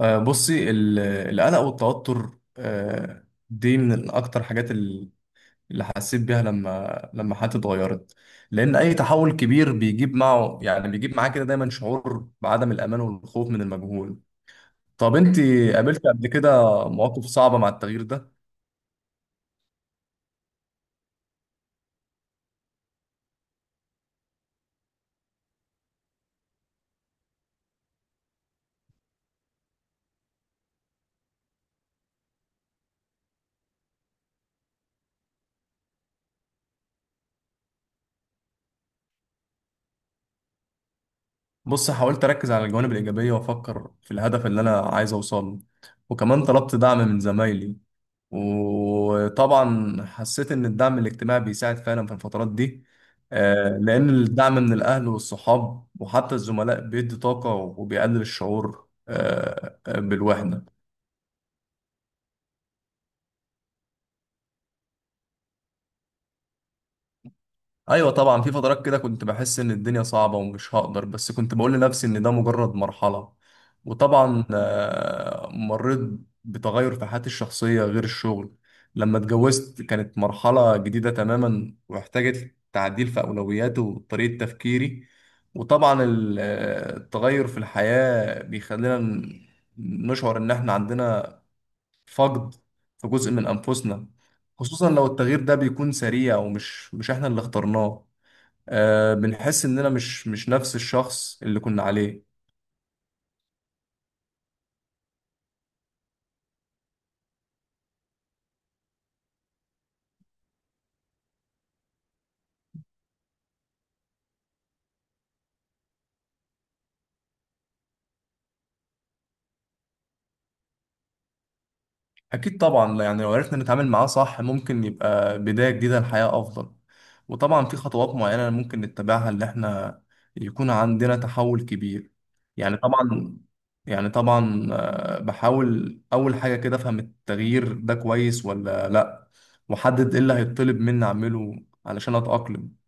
بصي القلق والتوتر. دي من اكتر حاجات. اللي حسيت بيها لما لما حياتي اتغيرت، لان اي تحول كبير بيجيب معه يعني بيجيب معاه كده دايما شعور بعدم الامان والخوف من المجهول. طب انت قابلت قبل كده مواقف صعبة مع التغيير ده؟ بص، حاولت اركز على الجوانب الايجابية وافكر في الهدف اللي انا عايز اوصله، وكمان طلبت دعم من زمايلي، وطبعا حسيت ان الدعم الاجتماعي بيساعد فعلا في الفترات دي. لان الدعم من الاهل والصحاب وحتى الزملاء بيدي طاقة وبيقلل الشعور بالوحدة. ايوه طبعا، في فترات كده كنت بحس ان الدنيا صعبه ومش هقدر، بس كنت بقول لنفسي ان ده مجرد مرحله. وطبعا مريت بتغير في حياتي الشخصيه غير الشغل. لما اتجوزت كانت مرحله جديده تماما واحتاجت تعديل في اولوياتي وطريقه تفكيري. وطبعا التغير في الحياه بيخلينا نشعر ان احنا عندنا فقد في جزء من انفسنا، خصوصا لو التغيير ده بيكون سريع ومش مش احنا اللي اخترناه. آه، بنحس اننا مش نفس الشخص اللي كنا عليه. اكيد طبعا، يعني لو عرفنا نتعامل معاه صح ممكن يبقى بداية جديدة لحياة افضل. وطبعا في خطوات معينة ممكن نتبعها ان احنا يكون عندنا تحول كبير. يعني طبعا يعني طبعا, بحاول اول حاجة كده افهم التغيير ده كويس ولا لا، واحدد ايه اللي هيطلب مني اعمله علشان اتأقلم.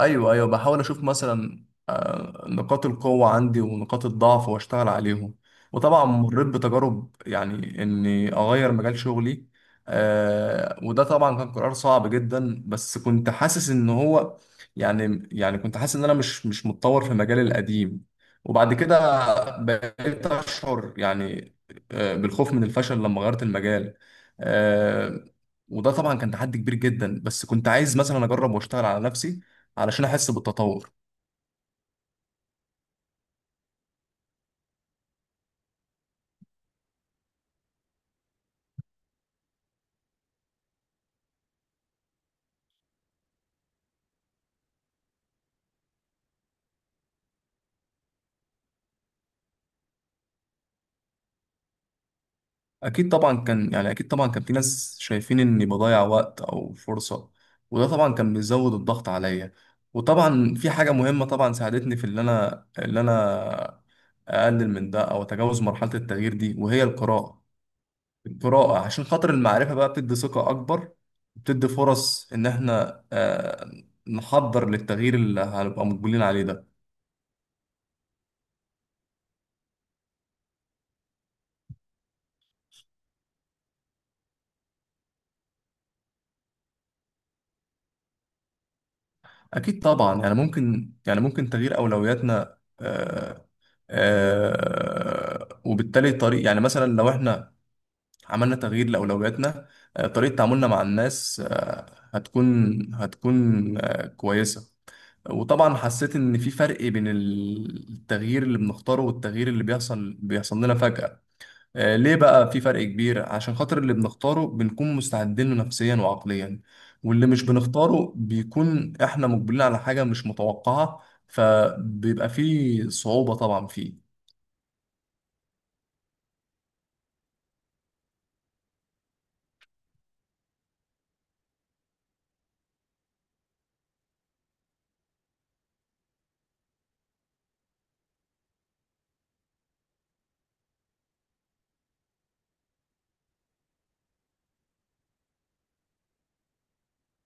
ايوه بحاول اشوف مثلا نقاط القوة عندي ونقاط الضعف واشتغل عليهم. وطبعا مريت بتجارب يعني اني اغير مجال شغلي. وده طبعا كان قرار صعب جدا، بس كنت حاسس ان هو يعني كنت حاسس ان انا مش متطور في مجالي القديم. وبعد كده بقيت اشعر يعني بالخوف من الفشل لما غيرت المجال. آه، وده طبعا كان تحدي كبير جدا، بس كنت عايز مثلا اجرب واشتغل على نفسي علشان احس بالتطور. اكيد طبعا، كان يعني اكيد طبعا كان في ناس شايفين اني بضيع وقت او فرصة، وده طبعا كان بيزود الضغط عليا. وطبعا في حاجة مهمة طبعا ساعدتني في اللي انا اقلل من ده او اتجاوز مرحلة التغيير دي، وهي القراءة. القراءة عشان خاطر المعرفة بقى بتدي ثقة اكبر، بتدي فرص ان احنا نحضر للتغيير اللي هنبقى مقبلين عليه ده. أكيد طبعا، يعني ممكن تغيير أولوياتنا. وبالتالي طريق، يعني مثلا لو إحنا عملنا تغيير لأولوياتنا، طريقة تعاملنا مع الناس آه هتكون هتكون آه كويسة. وطبعا حسيت إن في فرق بين التغيير اللي بنختاره والتغيير اللي بيحصل لنا فجأة. ليه بقى في فرق كبير؟ عشان خاطر اللي بنختاره بنكون مستعدين له نفسيا وعقليا، واللي مش بنختاره بيكون احنا مقبلين على حاجة مش متوقعة، فبيبقى فيه صعوبة طبعا فيه.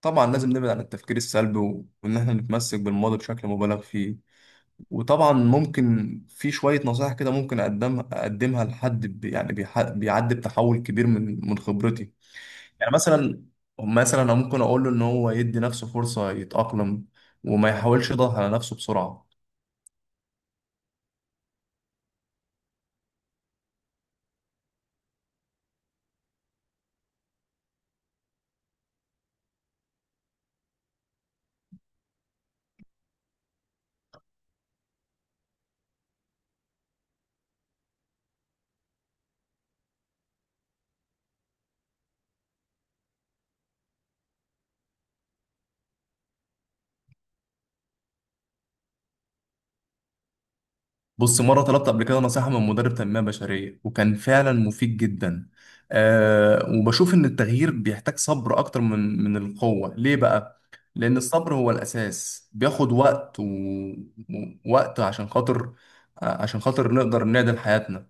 طبعا لازم نبعد عن التفكير السلبي وان احنا نتمسك بالماضي بشكل مبالغ فيه. وطبعا ممكن في شوية نصائح كده ممكن اقدمها لحد بيعدي بتحول كبير من خبرتي. يعني مثلا، مثلا انا ممكن اقول له ان هو يدي نفسه فرصه يتاقلم، وما يحاولش يضغط على نفسه بسرعه. بص، مره طلبت قبل كده نصيحه من مدرب تنميه بشريه، وكان فعلا مفيد جدا. أه، وبشوف ان التغيير بيحتاج صبر اكتر من القوه. ليه بقى؟ لان الصبر هو الاساس، بياخد وقت ووقت عشان خاطر عشان خاطر نقدر نعدل حياتنا.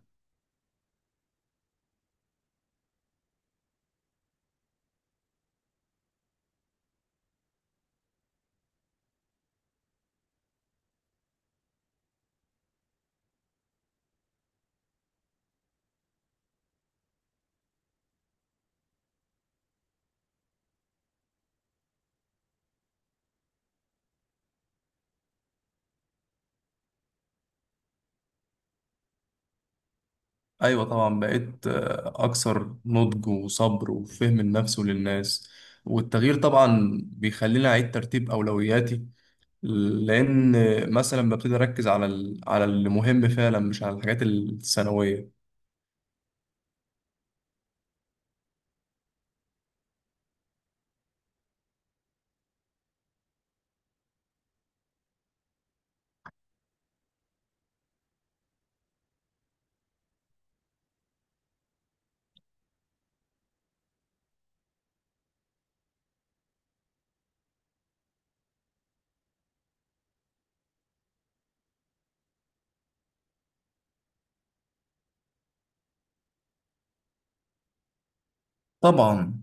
ايوه طبعا، بقيت اكثر نضج وصبر وفهم النفس وللناس. والتغيير طبعا بيخليني اعيد ترتيب اولوياتي، لان مثلا ببتدي اركز على اللي مهم فعلا مش على الحاجات الثانويه. طبعا.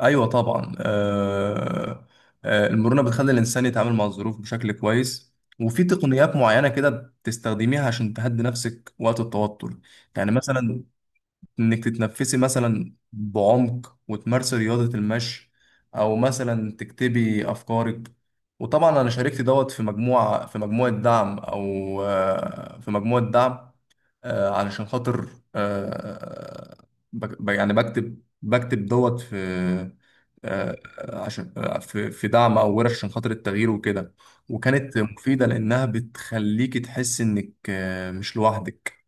ايوه طبعا، المرونه بتخلي الانسان يتعامل مع الظروف بشكل كويس. وفي تقنيات معينه كده بتستخدميها عشان تهدي نفسك وقت التوتر. يعني مثلا، انك تتنفسي مثلا بعمق، وتمارسي رياضة المشي، او مثلا تكتبي افكارك. وطبعا انا شاركت دوت في مجموعة في مجموعة دعم او آه، في مجموعة دعم آه، علشان خاطر آه، بكتب دوت في آه، عشان في في دعم او ورش عشان خاطر التغيير وكده. وكانت مفيدة لانها بتخليكي تحسي انك مش لوحدك.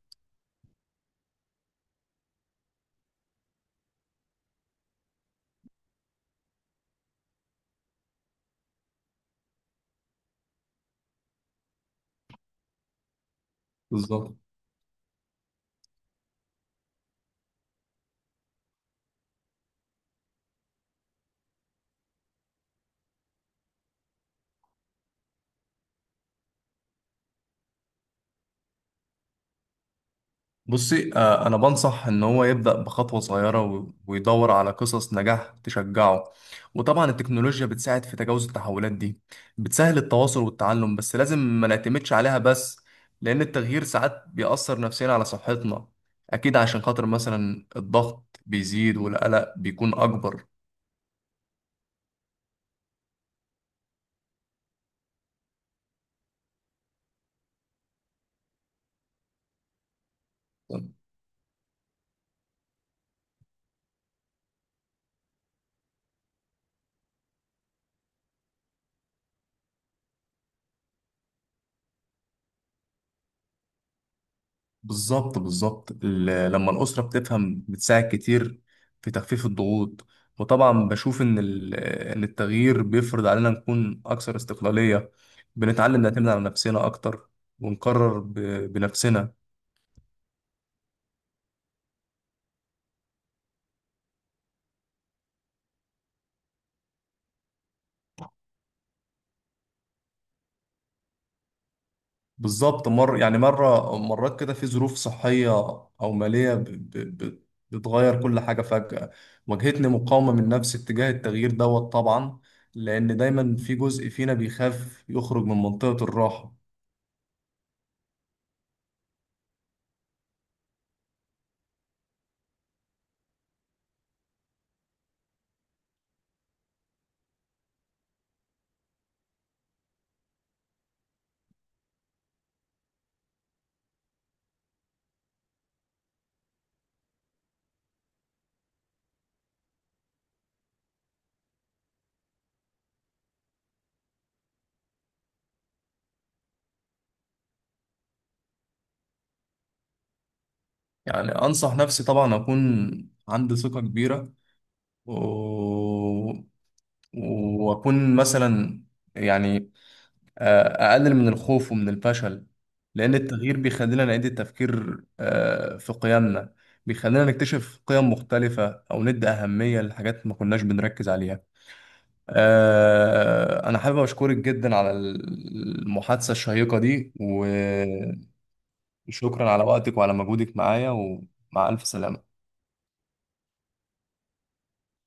بالظبط. بصي، أنا بنصح إن هو يبدأ بخطوة صغيرة ويدور على قصص نجاح تشجعه. وطبعا التكنولوجيا بتساعد في تجاوز التحولات دي، بتسهل التواصل والتعلم، بس لازم ما نعتمدش عليها بس، لأن التغيير ساعات بيأثر نفسيا على صحتنا. أكيد، عشان خاطر مثلا الضغط بيزيد والقلق بيكون أكبر. بالظبط لما الأسرة بتفهم بتساعد كتير في تخفيف الضغوط. وطبعا بشوف إن إن التغيير بيفرض علينا نكون أكثر استقلالية. بنتعلم نعتمد على نفسنا أكتر، ونقرر بنفسنا. بالظبط. مر يعني مرة مرات كده في ظروف صحية أو مالية ب- ب- بتغير كل حاجة فجأة، واجهتني مقاومة من نفسي اتجاه التغيير دوت طبعا، لأن دايما في جزء فينا بيخاف يخرج من منطقة الراحة. يعني أنصح نفسي طبعا أكون عندي ثقة كبيرة، و... وأكون مثلا يعني أقلل من الخوف ومن الفشل، لأن التغيير بيخلينا نعيد التفكير في قيمنا، بيخلينا نكتشف قيم مختلفة أو ندي أهمية لحاجات ما كناش بنركز عليها. أنا حابب أشكرك جدا على المحادثة الشيقة دي، وشكرا على وقتك وعلى مجهودك معايا، ومع ألف سلامة.